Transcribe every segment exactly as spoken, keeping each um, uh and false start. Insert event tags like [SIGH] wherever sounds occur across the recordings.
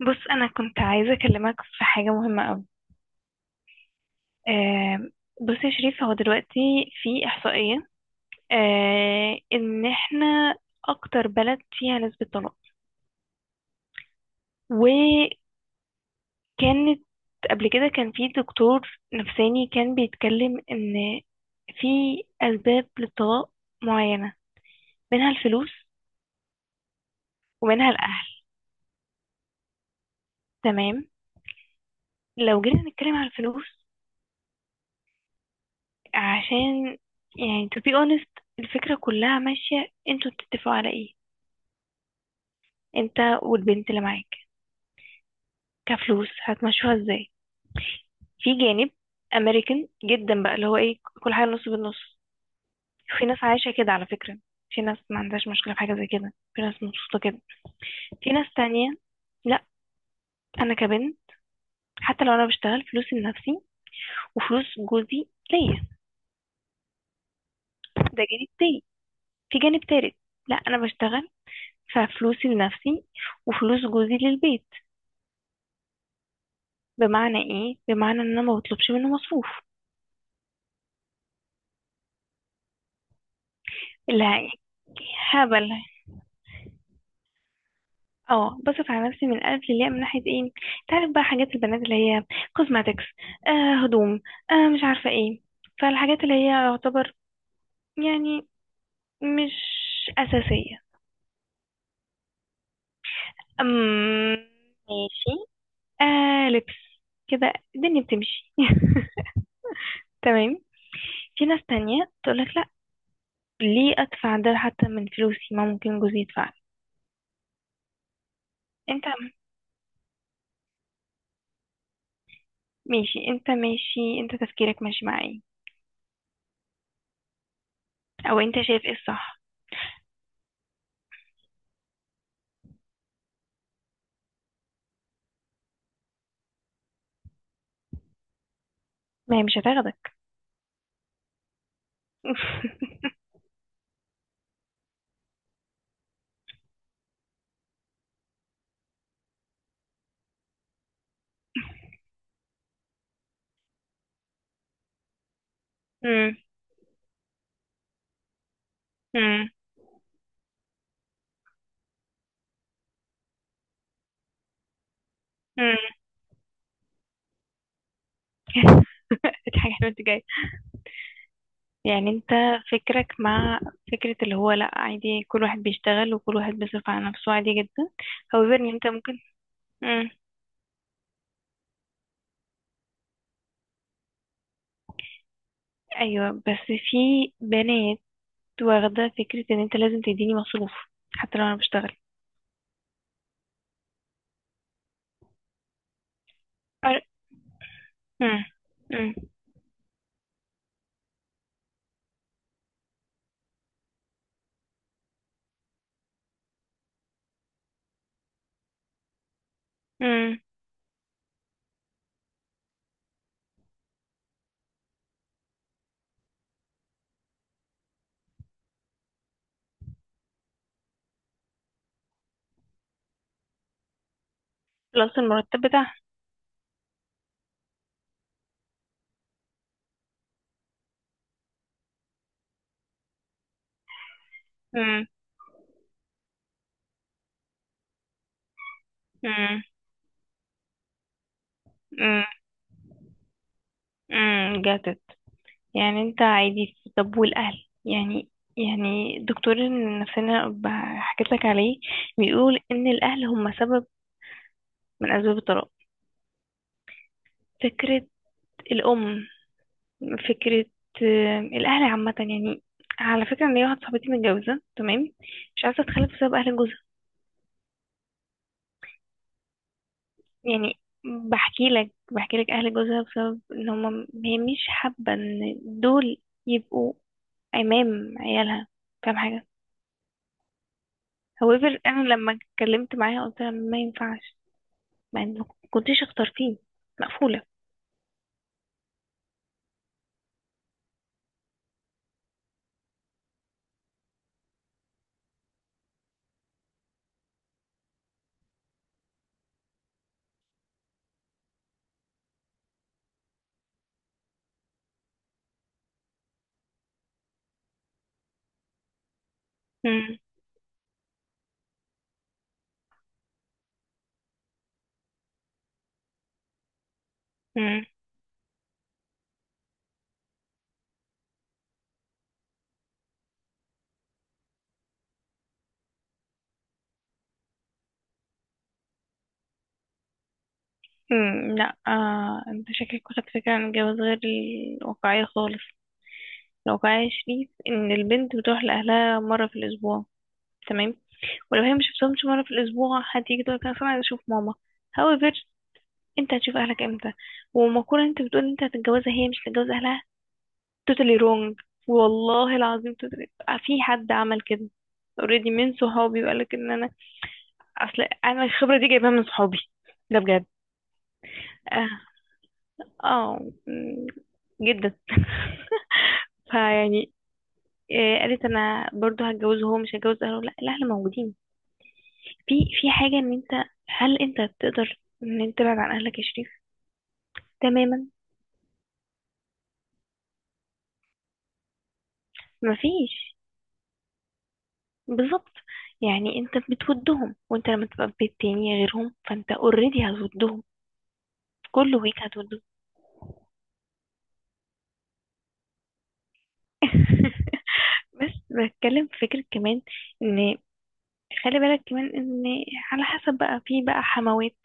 بص انا كنت عايزه اكلمك في حاجه مهمه قوي. آه. بص يا شريف، هو دلوقتي في احصائيه آه ان احنا اكتر بلد فيها نسبه طلاق. وكانت قبل كده كان في دكتور نفساني كان بيتكلم ان في اسباب للطلاق معينه، منها الفلوس ومنها الاهل. تمام. لو جينا نتكلم على الفلوس، عشان يعني to be honest، الفكره كلها ماشيه، انتوا بتتفقوا على ايه؟ انت والبنت اللي معاك كفلوس هتمشوها ازاي؟ في جانب امريكان جدا بقى اللي هو ايه، كل حاجه نص بالنص. في ناس عايشه كده على فكره، في ناس ما عندهاش مشكله في حاجه زي كده، في ناس مبسوطه كده. في ناس تانية لا. انا كبنت، حتى لو انا بشتغل فلوسي لنفسي وفلوس جوزي ليا، ده جانب تاني. في جانب تالت، لا انا بشتغل ففلوسي لنفسي وفلوس جوزي للبيت. بمعنى ايه؟ بمعنى ان انا ما بطلبش منه مصروف. لا، هبل. اه بصرف على نفسي من الألف للياء، من ناحية ايه؟ تعرف بقى حاجات البنات اللي هي كوزماتكس، آه هدوم، آه مش عارفة ايه. فالحاجات اللي هي يعتبر يعني مش أساسية. أم ماشي. آه لبس. كده الدنيا بتمشي [LAUGHS] تمام. في ناس تانية تقولك لا، ليه أدفع ده حتى من فلوسي، ما ممكن جوزي يدفع. انت، ماشي انت ماشي انت تفكيرك ماشي مع ايه، او انت شايف ايه الصح؟ ما هي مش هتاخدك. [LAUGHS] امم امم اضحك على وانت [LAUGHS] جاي. يعني انت فكرك مع فكرة اللي هو لا عادي، كل واحد بيشتغل وكل واحد بيصرف على نفسه عادي جدا. However ان انت ممكن. امم. ايوه، بس في بنات واخدة فكرة ان انت لازم تديني مصروف حتى لو انا بشتغل. أر- امم. امم. امم. بلس المرتب بتاعها. امم. امم. امم. امم. Got it. يعني انت عادي، في- طب والاهل يعني، يعني دكتور النفسانة ب- حكيت لك عليه، بيقول ان الاهل هم سبب من اسباب الطلاق. فكرة الام، فكرة آه، الاهل عامة يعني. على فكرة ان هي واحدة صاحبتي متجوزة تمام، مش عايزة تتخلف بسبب اهل جوزها. يعني بحكي لك بحكي لك اهل جوزها، بسبب ان هم، هي مش حابة ان دول يبقوا امام عيالها. فاهم حاجة؟ However انا لما اتكلمت معاها قلت لها ما ينفعش. ما إن- كنتيش اختار فيه. مقفولة. مم. مم. مم. لا، آه. انت شكلك واخد فكرة عن الجواز غير الواقعية خالص. الواقعية يا شريف ان البنت بتروح لأهلها مرة في الأسبوع، تمام، ولو هي مش شفتهمش مرة في الأسبوع هتيجي تقول لك أنا أصلاً عايزة أشوف ماما. However انت هتشوف أهلك امتى؟ ومقولة انت بتقول انت هتتجوزها هي مش هتتجوز أهلها، totally wrong. والله العظيم totally. في حد عمل كده اوريدي من صحابي، وقالك ان، اصل انا الخبره دي جايبها من صحابي، ده بجد. اه. آه. مم. جدا. فيعني آه، قالت انا برضو هتجوزه هو مش هتجوز اهله، لا الاهل موجودين. في في حاجه ان انت، هل انت تقدر ان انت تبعد عن اهلك يا شريف تماما؟ مفيش. بالظبط. يعني انت بتودهم، وانت لما تبقى في بيت تاني غيرهم فانت اوريدي هتودهم. كل ويك هتودهم. بس بتكلم في فكره كمان، ان خلي بالك كمان ان على حسب بقى، في بقى حموات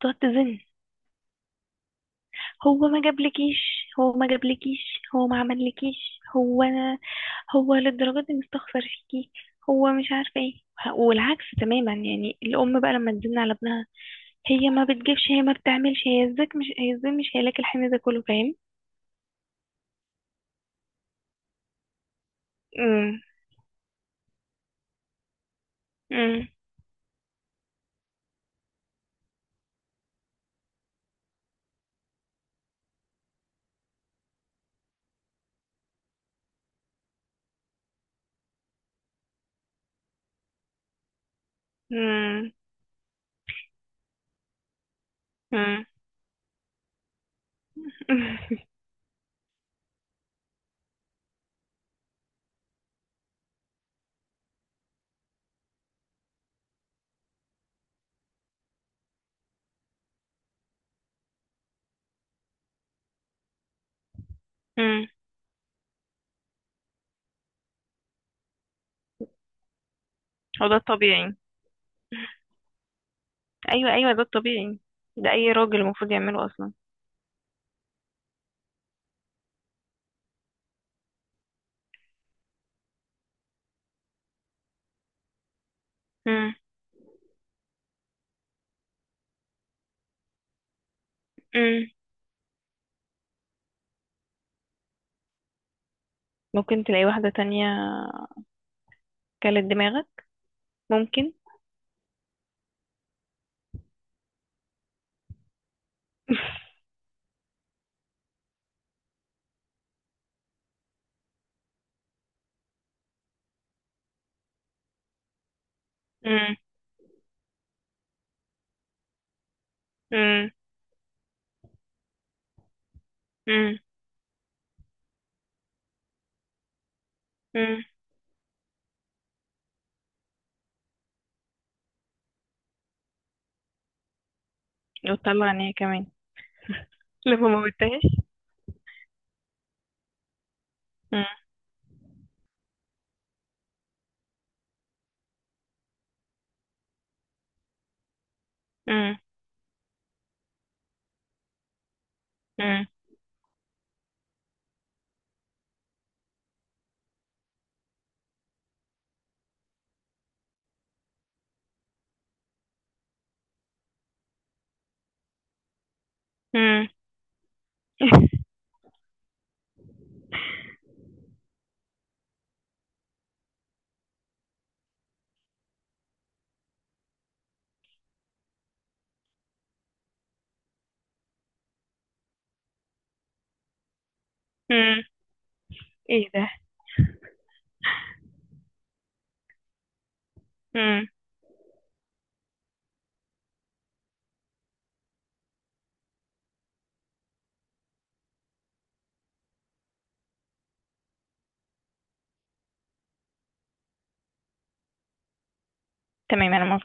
تقعد تزن، هو ما جابلكيش هو ما جابلكيش هو ما عملكيش، هو انا، هو للدرجة دي مستخسر فيكي، هو مش عارفة ايه. والعكس تماما يعني الام بقى لما تزن على ابنها، هي ما بتجيبش، هي ما بتعملش، هي ازاك مش هي ازاي مش هيلاقي الحمل ده كله، فاهم؟ امم. امم. امم. امم. امم. [LAUGHS] هو ده الطبيعي. ايوه ايوه ده الطبيعي. ده اي راجل المفروض يعمله اصلا. امم. امم. ممكن تلاقي واحدة تانية كلت دماغك، ممكن. امم. امم. امم. امم. وطلع عينيا كمان لما موتهاش. امم. امم. امم. امم. [LAUGHS] ايه ده؟ امم. تمام انا